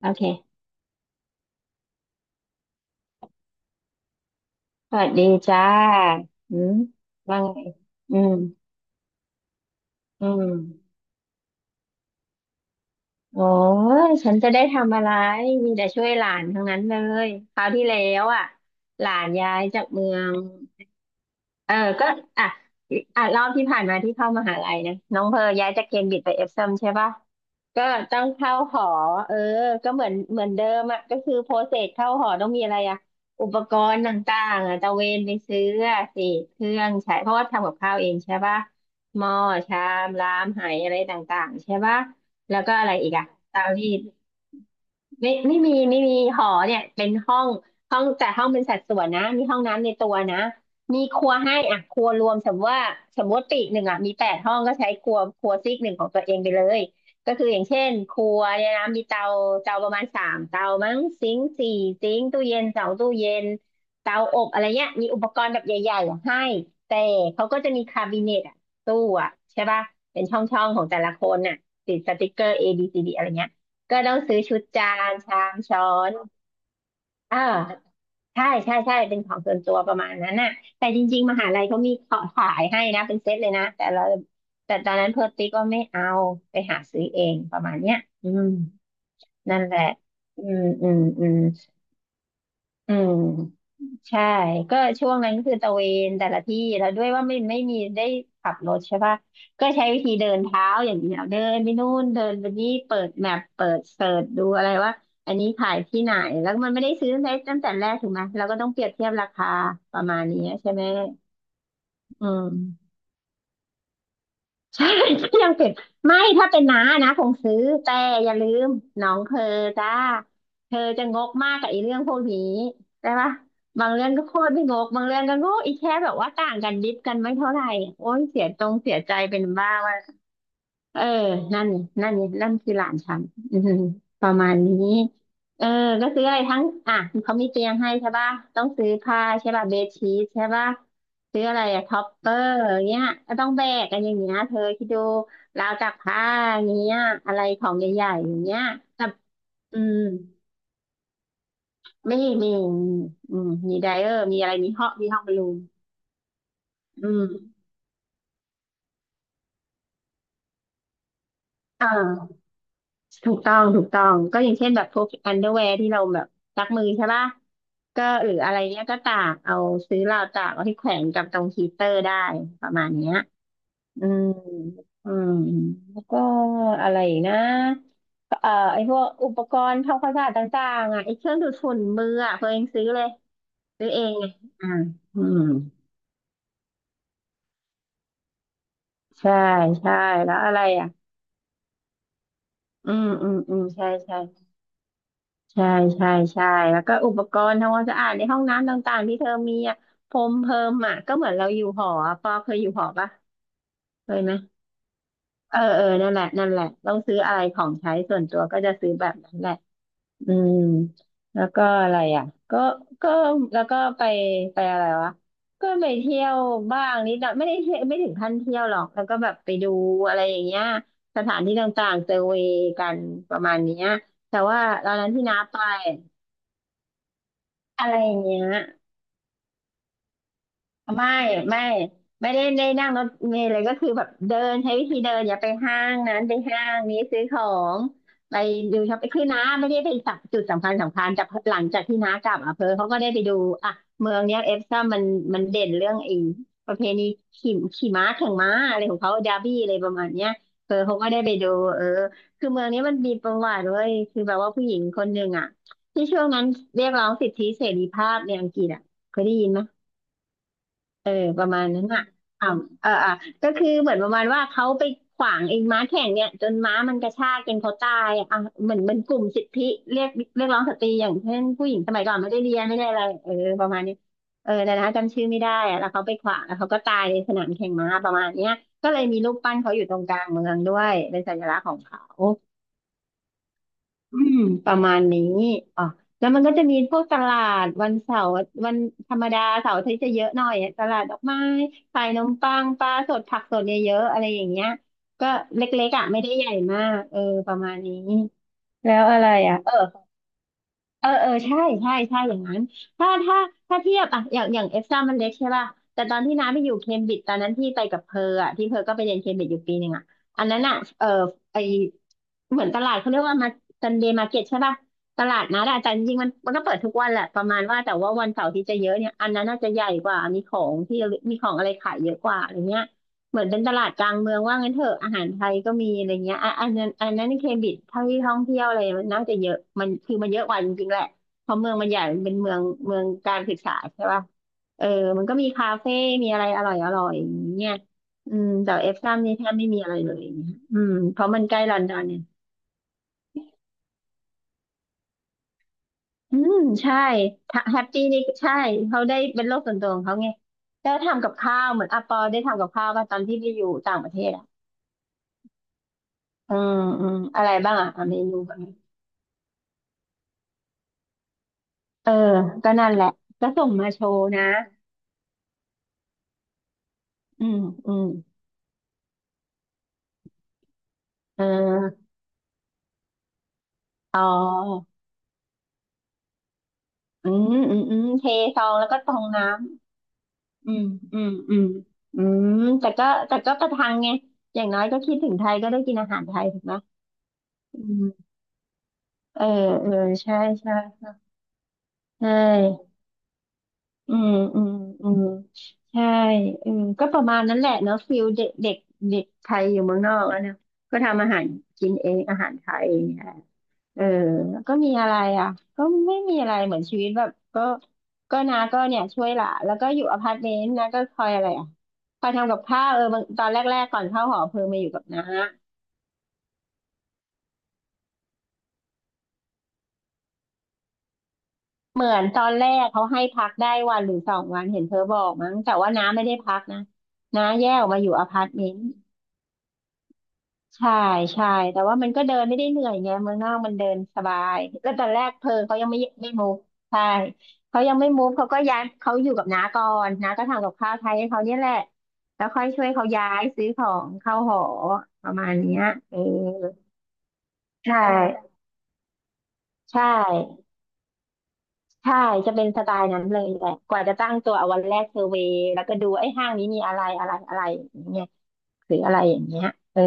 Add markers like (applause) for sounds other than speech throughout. โอเค สวัสดีจ้า อืมว่าไง อืม อืม โอ้ยฉันจะได้ทำอะไรมีแต่ช่วยหลานทั้งนั้นเลย คราวที่แล้วอ่ะหลานย้ายจากเมืองเออก็อ่ะอ่ะรอบที่ผ่านมาที่เข้ามหาลัยนะน้องเพอย้ายจากเคมบริดจ์ไปเอฟซัมใช่ปะก็ต้องเข้าหอเออก็เหมือนเดิมอ่ะก็คือโปรเซสเข้าหอต้องมีอะไรอ่ะอุปกรณ์ต่างๆอ่ะตะเวนไปซื้ออะสิเครื่องใช้เพราะว่าทำกับข้าวเองใช่ปะหม้อชามรามไหอะไรต่างๆใช่ปะ แล้วก็อะไรอีกอะตามที่ ไม่มีหอเนี่ยเป็นห้องห้องแต่ห้องเป็นสัดส่วนนะมีห้องน้ำในตัวนะมีครัวให้อ่ะครัวรวมสมมติว่าสมมติปีกหนึ่งอ่ะมี8ห้องก็ใช้ครัวซีกหนึ่งของตัวเองไปเลยก็คืออย่างเช่นครัวเนี่ยนะมีเตาเตาประมาณ3เตามั้งซิงค์4ซิงค์ตู้เย็น2ตู้เย็นเตาอบอะไรเงี้ยมีอุปกรณ์แบบใหญ่ๆอ่ะให้แต่เขาก็จะมีคาบิเนตอ่ะตู้อ่ะใช่ป่ะเป็นช่องๆของแต่ละคนน่ะติดสติกเกอร์ ABCD อะไรเงี้ย ก็ต้องซื้อชุดจานชามช้อนเออใช่ใช่ใช่เป็นของส่วนตัวประมาณนั้นน่ะแต่จริงๆมหาลัยเขามีขอขายให้นะเป็นเซตเลยนะแต่เราแต่ตอนนั้นเพิร์ตติ๊กก็ไม่เอาไปหาซื้อเองประมาณเนี้ยอืมนั่นแหละอืมอืมอืมอืม ใช่ ก็ช่วงนั้นคือตระเวนแต่ละที่แล้วด้วยว่าไม่มีได้ขับรถใช่ปะก็ใช้วิธีเดินเท้าอย่างเดียวเดินไปนู่นเดินไปนี่เปิดแมปเปิดเสิร์ชดูอะไรว่าอันนี้ขายที่ไหนแล้วมันไม่ได้ซื้อตั้งแต่แรกถูกไหมเราก็ต้องเปรียบเทียบราคาประมาณนี้ใช่ไหมอืม ใช่ (laughs) ยังเป็นไม่ถ้าเป็นน้านะคงซื้อแต่อย่าลืมน้องเธอจ้าเธอจะงกมากกับไอ้เรื่องพวกนี้ได้ปะบางเรื่องก็โคตรไม่งกบางเรื่องก็งกอีแค่แบบว่าต่างกันดิบกันไม่เท่าไหร่โอ้ยเสียตรงเสียใจเป็นบ้า เออนั่นนั่นนั่นคือหลานฉันอือหือประมาณนี้เออก็ซื้ออะไรทั้งอ่ะเขามีเตียงให้ใช่ป่ะต้องซื้อผ้าใช่ป่ะเบดชีทใช่ป่ะซื้ออะไรอะท็อปเปอร์อย่างเงี้ยก็ต้องแบกกันอย่างเงี้ยเธอคิดดู ราวตากผ้าอย่างเงี้ยอะไรของใหญ่ๆอย่างเงี้ยแต่อืมไม่มีอืมมีไดเออร์ มีอะไร มีห้องบอลลูนอืมอ่า ถูกต้องถูกต้องก็อย่างเช่นแบบพวกอันเดอร์แวร์ที่เราแบบซักมือใช่ป่ะก็หรืออะไรเนี้ยก็ตากเอาซื้อราวตากเอาที่แขวนกับตรงฮีตเตอร์ได้ประมาณเนี้ยอืมอืมแล้วก็อะไรอีกนะไอพวกอุปกรณ์ทำความสะอาดต่างๆอ่ะไอเครื่องดูดฝุ่นมืออ่ะตัวเองซื้อเลยซื้อเองไงอ่าอืมใช่ใช่แล้วอะไรอ่ะอืมอืมอืมใช่ใช่ ใช่ใช่ใช่แล้วก็อุปกรณ์ทำความสะอาดในห้องน้ำต่างๆที่เธอมีอ่ะพรมเพิ่มอ่ะก็เหมือนเราอยู่หออะปอเคยอยู่หอปะเคยไหมเออเออนั่นแหละนั่นแหละต้องซื้ออะไรของใช้ส่วนตัวก็จะซื้อแบบนั้นแหละอืมแล้วก็อะไรอ่ะก็ก็แล้วก็ไปอะไรวะก็ไปเที่ยวบ้างนิดหน่อยไม่ได้เที่ยวไม่ถึงขั้นเที่ยวหรอกแล้วก็แบบไปดูอะไรอย่างเงี้ยสถานที่ต่างๆเซอร์เวย์กันประมาณเนี้ยแต่ว่าตอนนั้นที่น้าไปอะไรอย่างเงี้ย ไม่ไม่ไม่ได้นั่งรถเมล์เลยก็คือแบบเดินใช้วิธีเดินอย่าไปห้างนั้นไปห้างนี้ซื้อของไปดูช็อปปิ้งคือน้าไม่ได้ไปจับจุดสำคัญสำคัญแต่หลังจากที่น้ากลับอำเภอเขาก็ได้ไปดูอ่ะเมืองเนี้ยเอฟซ่ามันมันเด่นเรื่องไอ้ประเพณีขี่ม้าแข่งม้าอะไรของเขาดาร์บี้อะไรประมาณเนี้ยเออเขาก็ได้ไปดูเออคือเมืองนี้มันมีประวัติเว้ยคือแบบว่าผู้หญิงคนหนึ่งอ่ะที่ช่วงนั้นเรียกร้องสิทธิเสรีภาพในอังกฤษอ่ะเคยได้ยินไหม เออประมาณนั้นอ่ะอ่าอ่ะก็คือเหมือนประมาณว่าเขาไปขวางไอ้ม้าแข่งเนี่ยจนม้ามันกระชากจนเขาตายอ่ะเหมือนเป็นกลุ่มสิทธิเรียกเรียกร้องสตรีอย่างเช่นผู้หญิงสมัยก่อนไม่ได้เรียนไม่ได้อะไรเออประมาณนี้เออแต่นะจำชื่อไม่ได้อ่ะแล้วเขาไปขวางแล้วเขาก็ตายในสนามแข่งม้าประมาณเนี้ยก็เลยมีรูปปั้นเขาอยู่ตรงกลางเมืองด้วยเป็นสัญลักษณ์ของเขา อืมประมาณนี้อ๋อแล้วมันก็จะมีพวกตลาดวันเสาร์วันธรรมดาเสาร์อาที่จะเยอะหน่อยตลาดดอกไม้ขายนมปังปลาสดผักสดเนี่ยเยอะๆ อะไรอย่างเงี้ยก็เล็กๆอ่ะไม่ได้ใหญ่มากเออประมาณนี้ แล้วอะไรอ่ะเออ เออใช่ใช่อย่างนั้นถ้าถ้าถ้าเทียบอะอย่างเอฟซ่ามันเล็กใช่ป่ะแต่ตอนที่น้าไปอยู่เคมบริดจ์ตอนนั้นที่ไปกับเพอร์อะที่เพอร์ก็ไปเรียนเคมบริดจ์อยู่1 ปีอะอันนั้นอะเออไอเหมือนตลาดเขาเรียกว่ามาซันเดย์มาร์เก็ตใช่ป่ะตลาดนัดอะแต่จริงๆมันก็เปิดทุกวันแหละประมาณว่าแต่ว่าวันเสาร์ที่จะเยอะเนี่ยอันนั้นน่าจะใหญ่กว่ามีของที่ระลึกมีของอะไรขายเยอะกว่าอะไรเงี้ย เหมือนเป็นตลาดกลางเมืองว่างั้นเถอะอาหารไทยก็มีอะไรเงี้ยอ่ะอันนั้นในเคมบริดจ์เท่าที่ท่องเที่ยวอะไรมันน่าจะเยอะมันคือมันเยอะกว่าจริงๆแหละเพราะเมืองมันใหญ่มันเป็นเมืองการศึกษาใช่ป่ะเออมันก็มีคาเฟ่มีอะไรอร่อยอย่างเงี้ยอืมแต่เอฟซัมนี่แทบไม่มีอะไรเลยอย่างเงี้ยอืมเพราะมันใกล้ลอนดอนเนี่ยอืมใช่แฮปปี้นี่ใช่เขาได้เป็นโลกส่วนตัวของเขาไงแล้วทำกับข้าวเหมือนอาปอได้ทำกับข้าวป่ะตอนที่ไปอยู่ต่างประเทศอ่ะอืมอืมอะไรบ้างอ่ะอ่ะเมนู เออ ก็นั่นแหละ ก็ส่งมาโชว์นะอืมอืมเอออ๋ออืมอืม อืม เทซองแล้วก็ตองน้ำอืม อืม อืม อืม แต่ก็ประทังไงอย่างน้อยก็คิดถึงไทยก็ได้กินอาหารไทยถูกไหมอืมเออเออใช่ใช่ใช่อืมอืมอืมใช่อืมก็ประมาณนั้นแหละเนาะฟิลเด็กเด็กเด็กไทยอยู่เมืองนอกแล้วเนอะก็ทำอาหารกินเองอาหารไทย เออแล้วก็มีอะไรอ่ะก็ไม่มีอะไรเหมือนชีวิตแบบก็ก็นาก็เนี่ยช่วยหลานแล้วก็อยู่อพาร์ตเมนต์นะก็คอยอะไรอ่ะคอยทำกับข้าวเออบางตอนแรกๆก่อนเข้าหอเพิมมาอยู่กับน้าเหมือนตอนแรกเขาให้พักได้วันหรือสองวันเห็นเธอบอกมั้งแต่ว่าน้าไม่ได้พักนะน้าแยกออกมาอยู่อพาร์ตเมนต์ ใช่ใช่แต่ว่ามันก็เดินไม่ได้เหนื่อยไงเมืองนอกมันเดินสบายแล้วตอนแรกเพอเขายังไม่มูฟใช่เขายังไม่มูฟเขาก็ย้ายเขาอยู่กับน้าก่อนน้าก็ทำกับข้าวไทยให้เขาเนี่ยแหละแล้วค่อยช่วยเขาย้ายซื้อของเข้าหอประมาณเนี้ยเออใช่ใช่ใช่จะเป็นสไตล์นั้นเลยแหละกว่าจะตั้งตัวเอาวันแรกเซอร์เวย์แล้วก็ดูไอ้ห้างนี้มีอะไรอะไรอะไรอย่างเงี้ยหรืออะไรอย่างเงี้ยเออ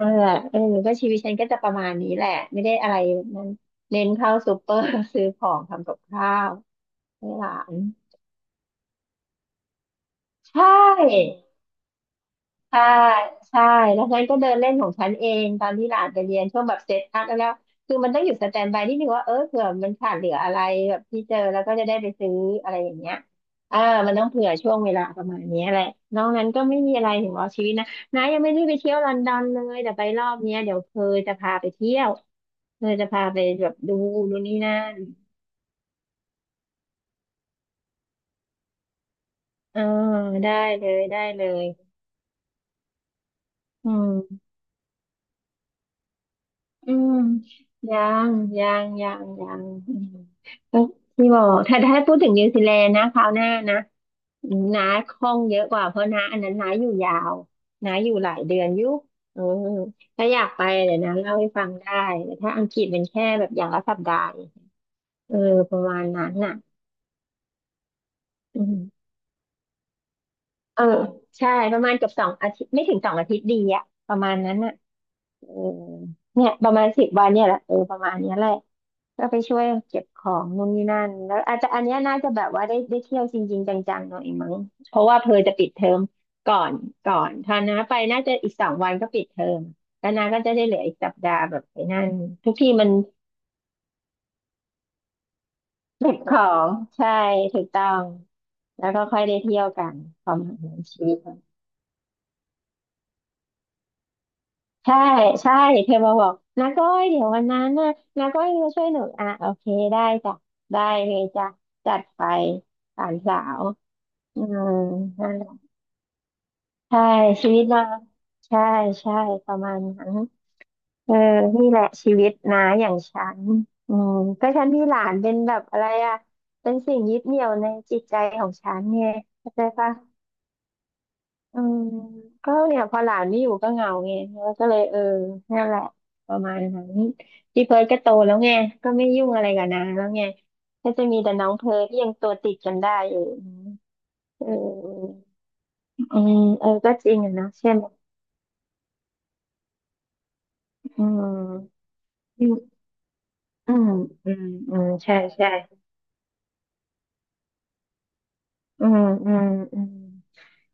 นั่นแหละเออก็ชีวิตฉันก็จะประมาณนี้แหละไม่ได้อะไรนั้นเน้นเข้าซูเปอร์ (laughs) ซื้อของทำกับข้าวให้หลานใช่ ใช่ใช่แล้วฉันก็เดินเล่นของฉันเองตอนที่หลานไปเรียนช่วงแบบเซตอัพแล้วคือมันต้องอยู่สแตนบายนิดนึงว่าเออเผื่อมันขาดเหลืออะไรแบบที่เจอแล้วก็จะได้ไปซื้ออะไรอย่างเงี้ยอ่ามันต้องเผื่อช่วงเวลาประมาณเนี้ยแหละนอกนั้นก็ไม่มีอะไรถึงว่าชีวิตนะนายังไม่ได้ไปเที่ยวลอนดอนเลยแต่ไปรอบเนี้ยเดี๋ยวเพอจะพาไปเที่ยวเพอจะพาไปแบบดูนู่นนี่นั่นเออได้เลยได้เลยอืม อืมยังยังอืมก็ที่บอกถ้าพูดถึงนิวซีแลนด์นะคราวหน้านะน้าคล่องเยอะกว่าเพราะน้าอันนั้นน้าอยู่ยาวน้าอยู่หลายเดือนอยู่เออถ้าอยากไปเดี๋ยวนะเล่าให้ฟังได้แต่ถ้าอังกฤษเป็นแค่แบบอย่างละสัปดาห์เออประมาณนั้นน่ะอืมเออใช่ประมาณเกือบสองอาทิตย์ไม่ถึงสองอาทิตย์ดีอะประมาณนั้นน่ะ เออเนี่ยประมาณสิบวันเนี่ยแหละเออประมาณเนี้ยแหละก็ไปช่วยเก็บของนู่นนี่นั่นแล้วอาจจะอันเนี้ยน่าจะแบบว่าได้เที่ยวจริงๆจังๆหน่อยมั้งเพราะว่าเพอจะปิดเทอมก่อนก่อนถ้านะไปน่าจะอีกสองวันก็ปิดเทอมแล้วนาก็จะได้เหลืออีกสัปดาห์แบบไปนั่นทุกที่มันเก็บของใช่ถูกต้องแล้วก็ค่อยได้เที่ยวกันประมาณนั้นชีวิต ใช่ใช่เธอมาบอกนาก้อยเดี๋ยววันนั้นนะนาก้อยมาช่วยหนูอ่ะโอเคได้จ้ะได้เลยจ้ะจัดไปสามสาวอืมนั่นแหละใช่ชีวิตนางใช่ใช่ประมาณนั้นเออนี่แหละชีวิตนะอย่างฉันอืมก็ฉันมีหลานเป็นแบบอะไรอ่ะเป็นสิ่งยึดเหนี่ยวในจิตใจของฉันเนี่ยเข้าใจปะ อืมก็เนี่ยพอหลานไม่อยู่ก็เหงาไงแล้วก็เลยเออนั่นแหละประมาณนั้นพี่เพิร์ดก็โตแล้วไงก็ไม่ยุ่งอะไรกับนางแล้วไงก็จะมีแต่น้องเพิร์ทที่ยังตัวติดกันได้อยู่เอออืมเออก็จริงอะนะใช่ไหมอืมอืมอืมอืมอืมใช่อืมอืมอืม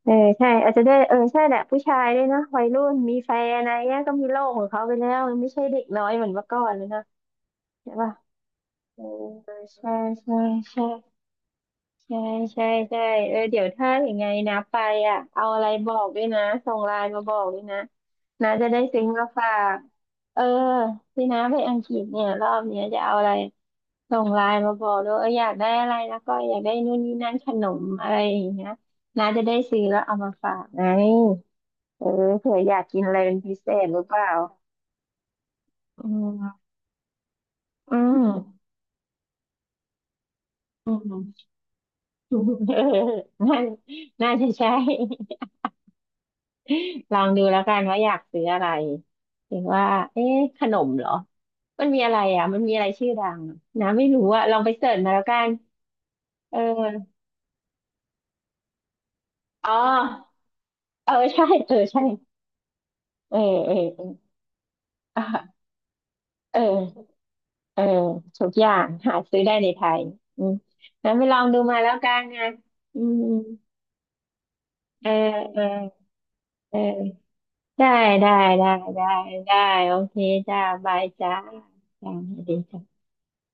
เออใช่อาจจะได้วยเออใช่แหละผู้ชายด้วยนะวัยรุ่นมีแฟนอะไรเงี้ยก็มีโลกของเขาไปแล้วไม่ใช่เด็กน้อยเหมือนเมื่อก่อนแล้วนะใช่ปะ เออใช่ใช่ใช่ใช่ใช่ใช่ใช่เออเดี๋ยวถ้าอย่างไงนะไปอ่ะเอาอะไรบอกด้วยนะส่งไลน์มาบอกด้วยนะนะจะได้ซื้อมาฝากเออที่น้าไปอังกฤษเนี่ยรอบเนี้ยจะเอาอะไรส่งไลน์มาบอกด้วยเอออยากได้อะไรแล้วก็อยากได้นู่นนี่นั่นขนมอะไรอย่างเงี้ยน้าจะได้ซื้อแล้วเอามาฝากไงเออเผื่ออยากกินอะไรเป็นพิเศษหรือเปล่าอืมอืมอืมเออน่าน่าจะใช่ ลองดูแล้วกันว่าอยากซื้ออะไรเห็นว่าเอ๊ะขนมเหรอมันมีอะไรอ่ะมันมีอะไรชื่อดังอะนะไม่รู้อ่ะลองไปเสิร์ชมาแล้วกันเอออ๋อเออใช่เออใช่เออเออเอออ่ะเออเออทุกอย่างหาซื้อได้ในไทยอืมงั้นไปลองดูมาแล้วกันนะอืมเออเออเออได้ได้ได้ได้ได้โอเคจ้าบายจ้าจ้าสวัสดีจ้า